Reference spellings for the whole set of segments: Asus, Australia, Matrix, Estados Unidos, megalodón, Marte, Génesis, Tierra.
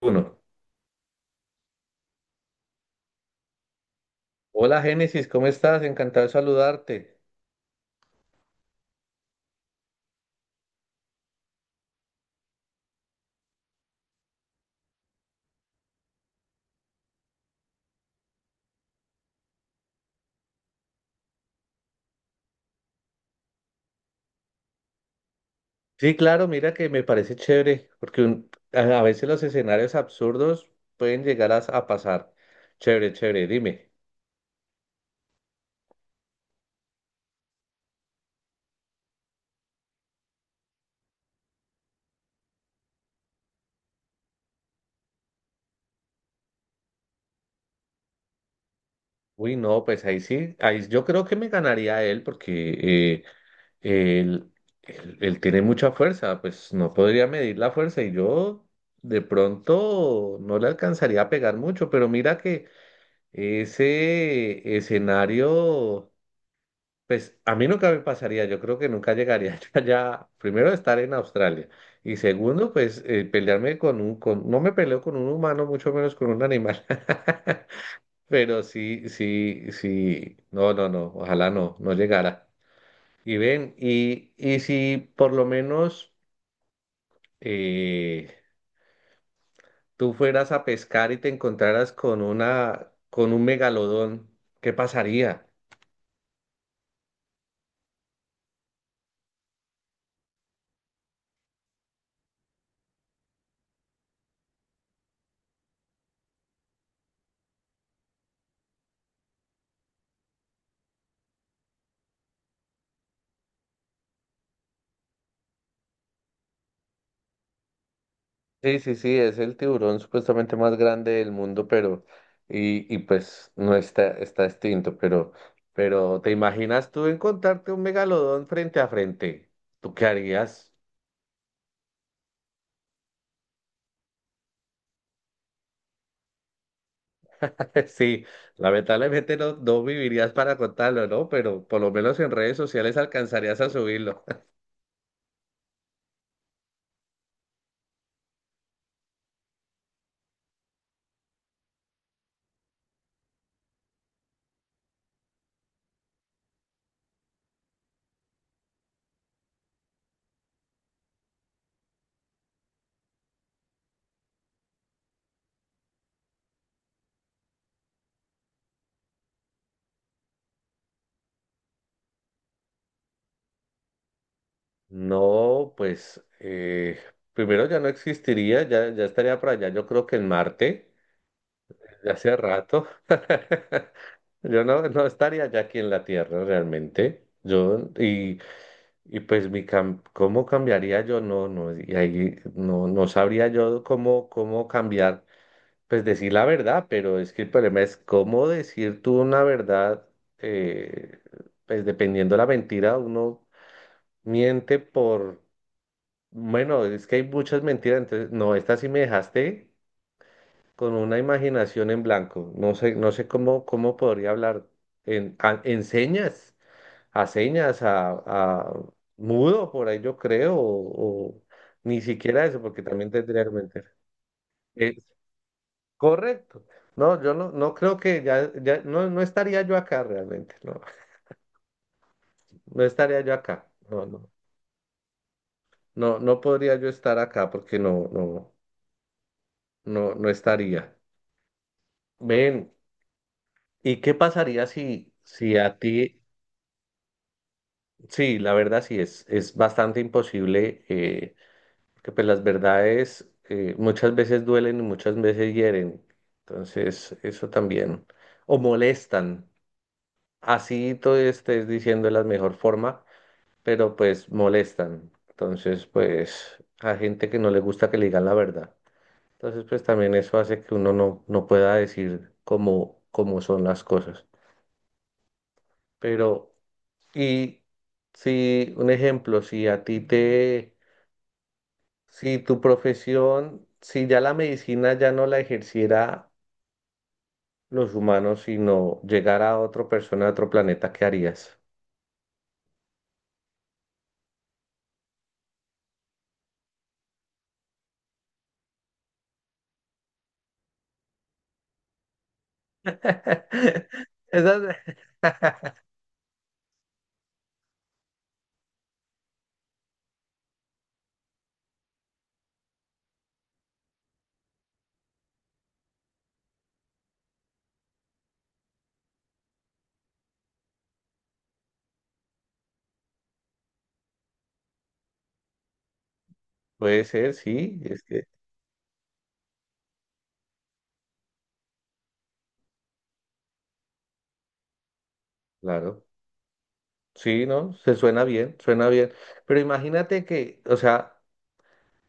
Uno. Hola Génesis, ¿cómo estás? Encantado de saludarte. Sí, claro, mira que me parece chévere, porque a veces los escenarios absurdos pueden llegar a pasar. Chévere, chévere, dime. Uy, no, pues ahí sí, ahí yo creo que me ganaría a él porque él, él tiene mucha fuerza, pues no podría medir la fuerza y yo de pronto no le alcanzaría a pegar mucho, pero mira que ese escenario... Pues a mí nunca me pasaría, yo creo que nunca llegaría yo allá, primero estar en Australia y segundo, pues pelearme con un, con, no me peleo con un humano, mucho menos con un animal, pero sí, sí, sí, no, no, no, ojalá no llegara. Y ven, y si por lo menos eh, tú fueras a pescar y te encontraras con un megalodón, ¿qué pasaría? Sí, sí, sí, es el tiburón supuestamente más grande del mundo, pero, y pues no está, está extinto, pero ¿te imaginas tú encontrarte un megalodón frente a frente? ¿Tú qué harías? Sí, lamentablemente no vivirías para contarlo, ¿no? Pero por lo menos en redes sociales alcanzarías a subirlo. No, pues primero ya no existiría, ya estaría por allá, yo creo que en Marte, ya hace rato. Yo no estaría ya aquí en la Tierra realmente. Yo, y pues ¿cómo cambiaría yo? No, no, y ahí no sabría yo cómo cambiar, pues decir la verdad, pero es que el problema es cómo decir tú una verdad, eh, pues dependiendo de la mentira, uno miente por, bueno, es que hay muchas mentiras, entonces, no, esta sí me dejaste con una imaginación en blanco. No sé, no sé cómo podría hablar en señas a señas, a mudo, por ahí yo creo, o ni siquiera eso, porque también tendría que meter. Es correcto. No, yo no creo que ya no estaría yo acá realmente, no, no estaría yo acá, no, no, no, no podría yo estar acá porque no, no, no, no estaría. Ven, ¿y qué pasaría si a ti, sí, la verdad sí, es bastante imposible. Porque pues las verdades muchas veces duelen y muchas veces hieren. Entonces, eso también. O molestan. Así todo estés diciendo de la mejor forma, pero pues molestan. Entonces, pues a gente que no le gusta que le digan la verdad. Entonces, pues también eso hace que uno no pueda decir cómo son las cosas. Pero, y si un ejemplo, si a ti te si tu profesión, si ya la medicina ya no la ejerciera los humanos, sino llegara a otra persona de otro planeta, ¿qué harías? Esa- Puede ser, sí, es que, claro, sí, ¿no? Se suena bien, suena bien. Pero imagínate que, o sea,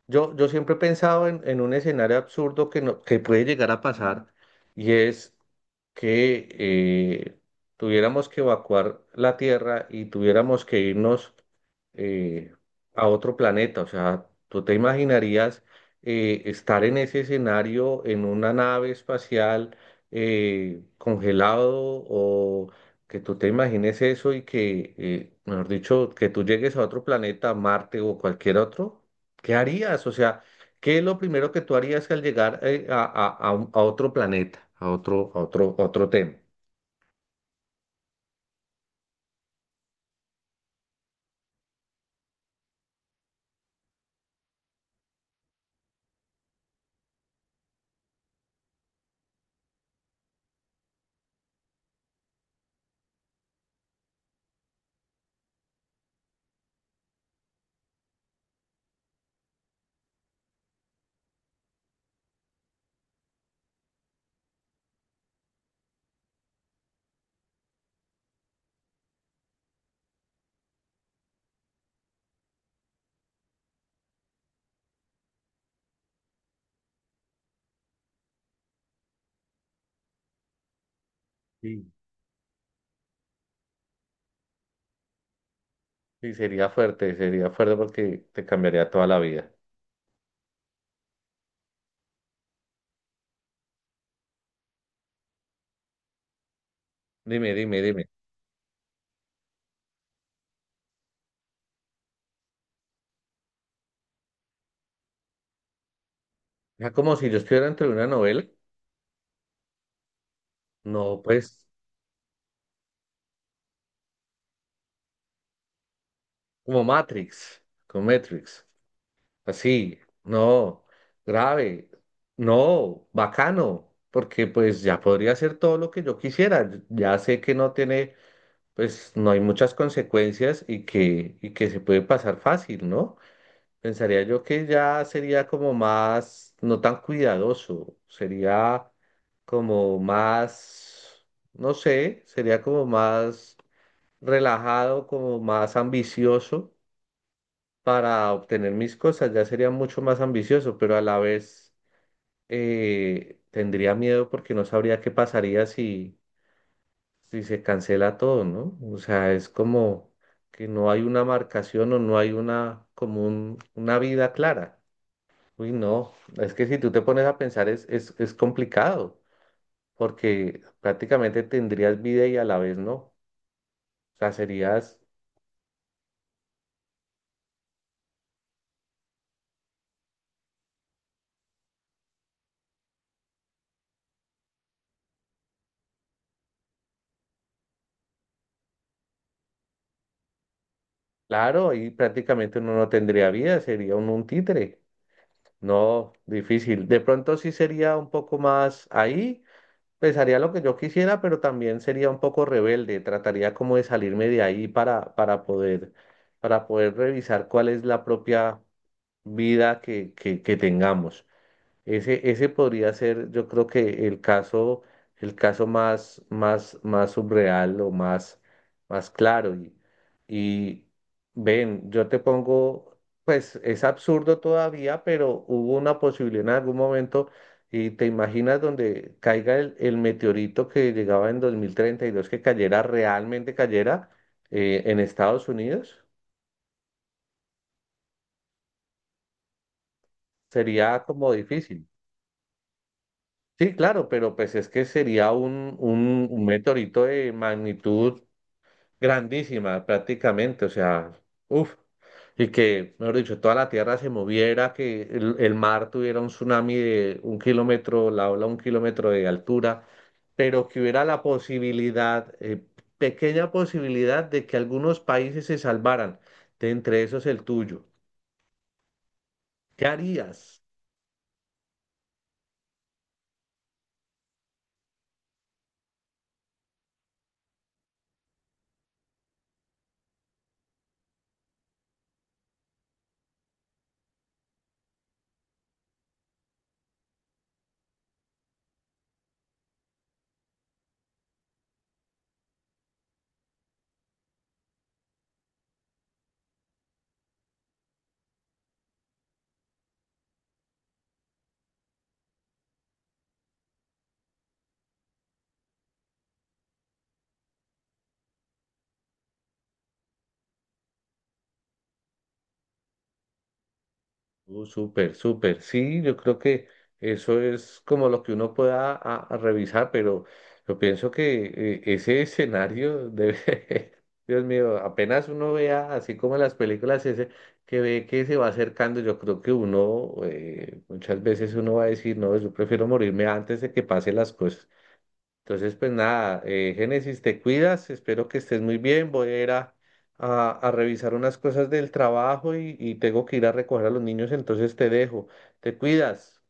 yo siempre he pensado en un escenario absurdo que, no, que puede llegar a pasar y es... que tuviéramos que evacuar la Tierra y tuviéramos que irnos eh, a otro planeta. O sea, ¿tú te imaginarías estar en ese escenario en una nave espacial congelado o que tú te imagines eso y que, mejor dicho, que tú llegues a otro planeta, Marte o cualquier otro? ¿Qué harías? O sea... ¿Qué es lo primero que tú harías al llegar a otro planeta, a otro tema? Sí. Sí, sería fuerte porque te cambiaría toda la vida. Dime, dime, dime. Ya como si yo estuviera entre una novela. No, pues, como Matrix, como Matrix. Así, no, grave, no, bacano, porque pues ya podría hacer todo lo que yo quisiera. Ya sé que no tiene, pues no hay muchas consecuencias y que, se puede pasar fácil, ¿no? Pensaría yo que ya sería como más, no tan cuidadoso, sería como más, no sé, sería como más relajado, como más ambicioso para obtener mis cosas, ya sería mucho más ambicioso, pero a la vez tendría miedo porque no sabría qué pasaría si se cancela todo, ¿no? O sea, es como que no hay una marcación o no hay una, como una vida clara. Uy, no, es que si tú te pones a pensar es complicado, porque prácticamente tendrías vida y a la vez no. O sea, serías, claro, ahí prácticamente uno no tendría vida, sería un títere. No, difícil. De pronto sí sería un poco más ahí, pensaría lo que yo quisiera, pero también sería un poco rebelde, trataría como de salirme de ahí para, para poder revisar cuál es la propia vida que tengamos. Ese podría ser, yo creo que el caso, más subreal o más claro. Y ven, yo te pongo, pues es absurdo todavía, pero hubo una posibilidad en algún momento y te imaginas donde caiga el meteorito que llegaba en 2032, que cayera, realmente cayera en Estados Unidos, sería como difícil. Sí, claro, pero pues es que sería un meteorito de magnitud grandísima prácticamente, o sea, uff, y que, mejor dicho, toda la Tierra se moviera, que el mar tuviera un tsunami de un kilómetro, la ola un kilómetro de altura, pero que hubiera la posibilidad, pequeña posibilidad de que algunos países se salvaran, de entre esos el tuyo. ¿Qué harías? Súper, súper. Sí, yo creo que eso es como lo que uno pueda a revisar, pero yo pienso que ese escenario debe, Dios mío, apenas uno vea, así como en las películas, ese que ve que se va acercando, yo creo que uno, muchas veces uno va a decir, no, yo prefiero morirme antes de que pasen las cosas. Entonces, pues nada, Génesis, te cuidas, espero que estés muy bien, voy a ir a revisar unas cosas del trabajo y tengo que ir a recoger a los niños, entonces te dejo, te cuidas.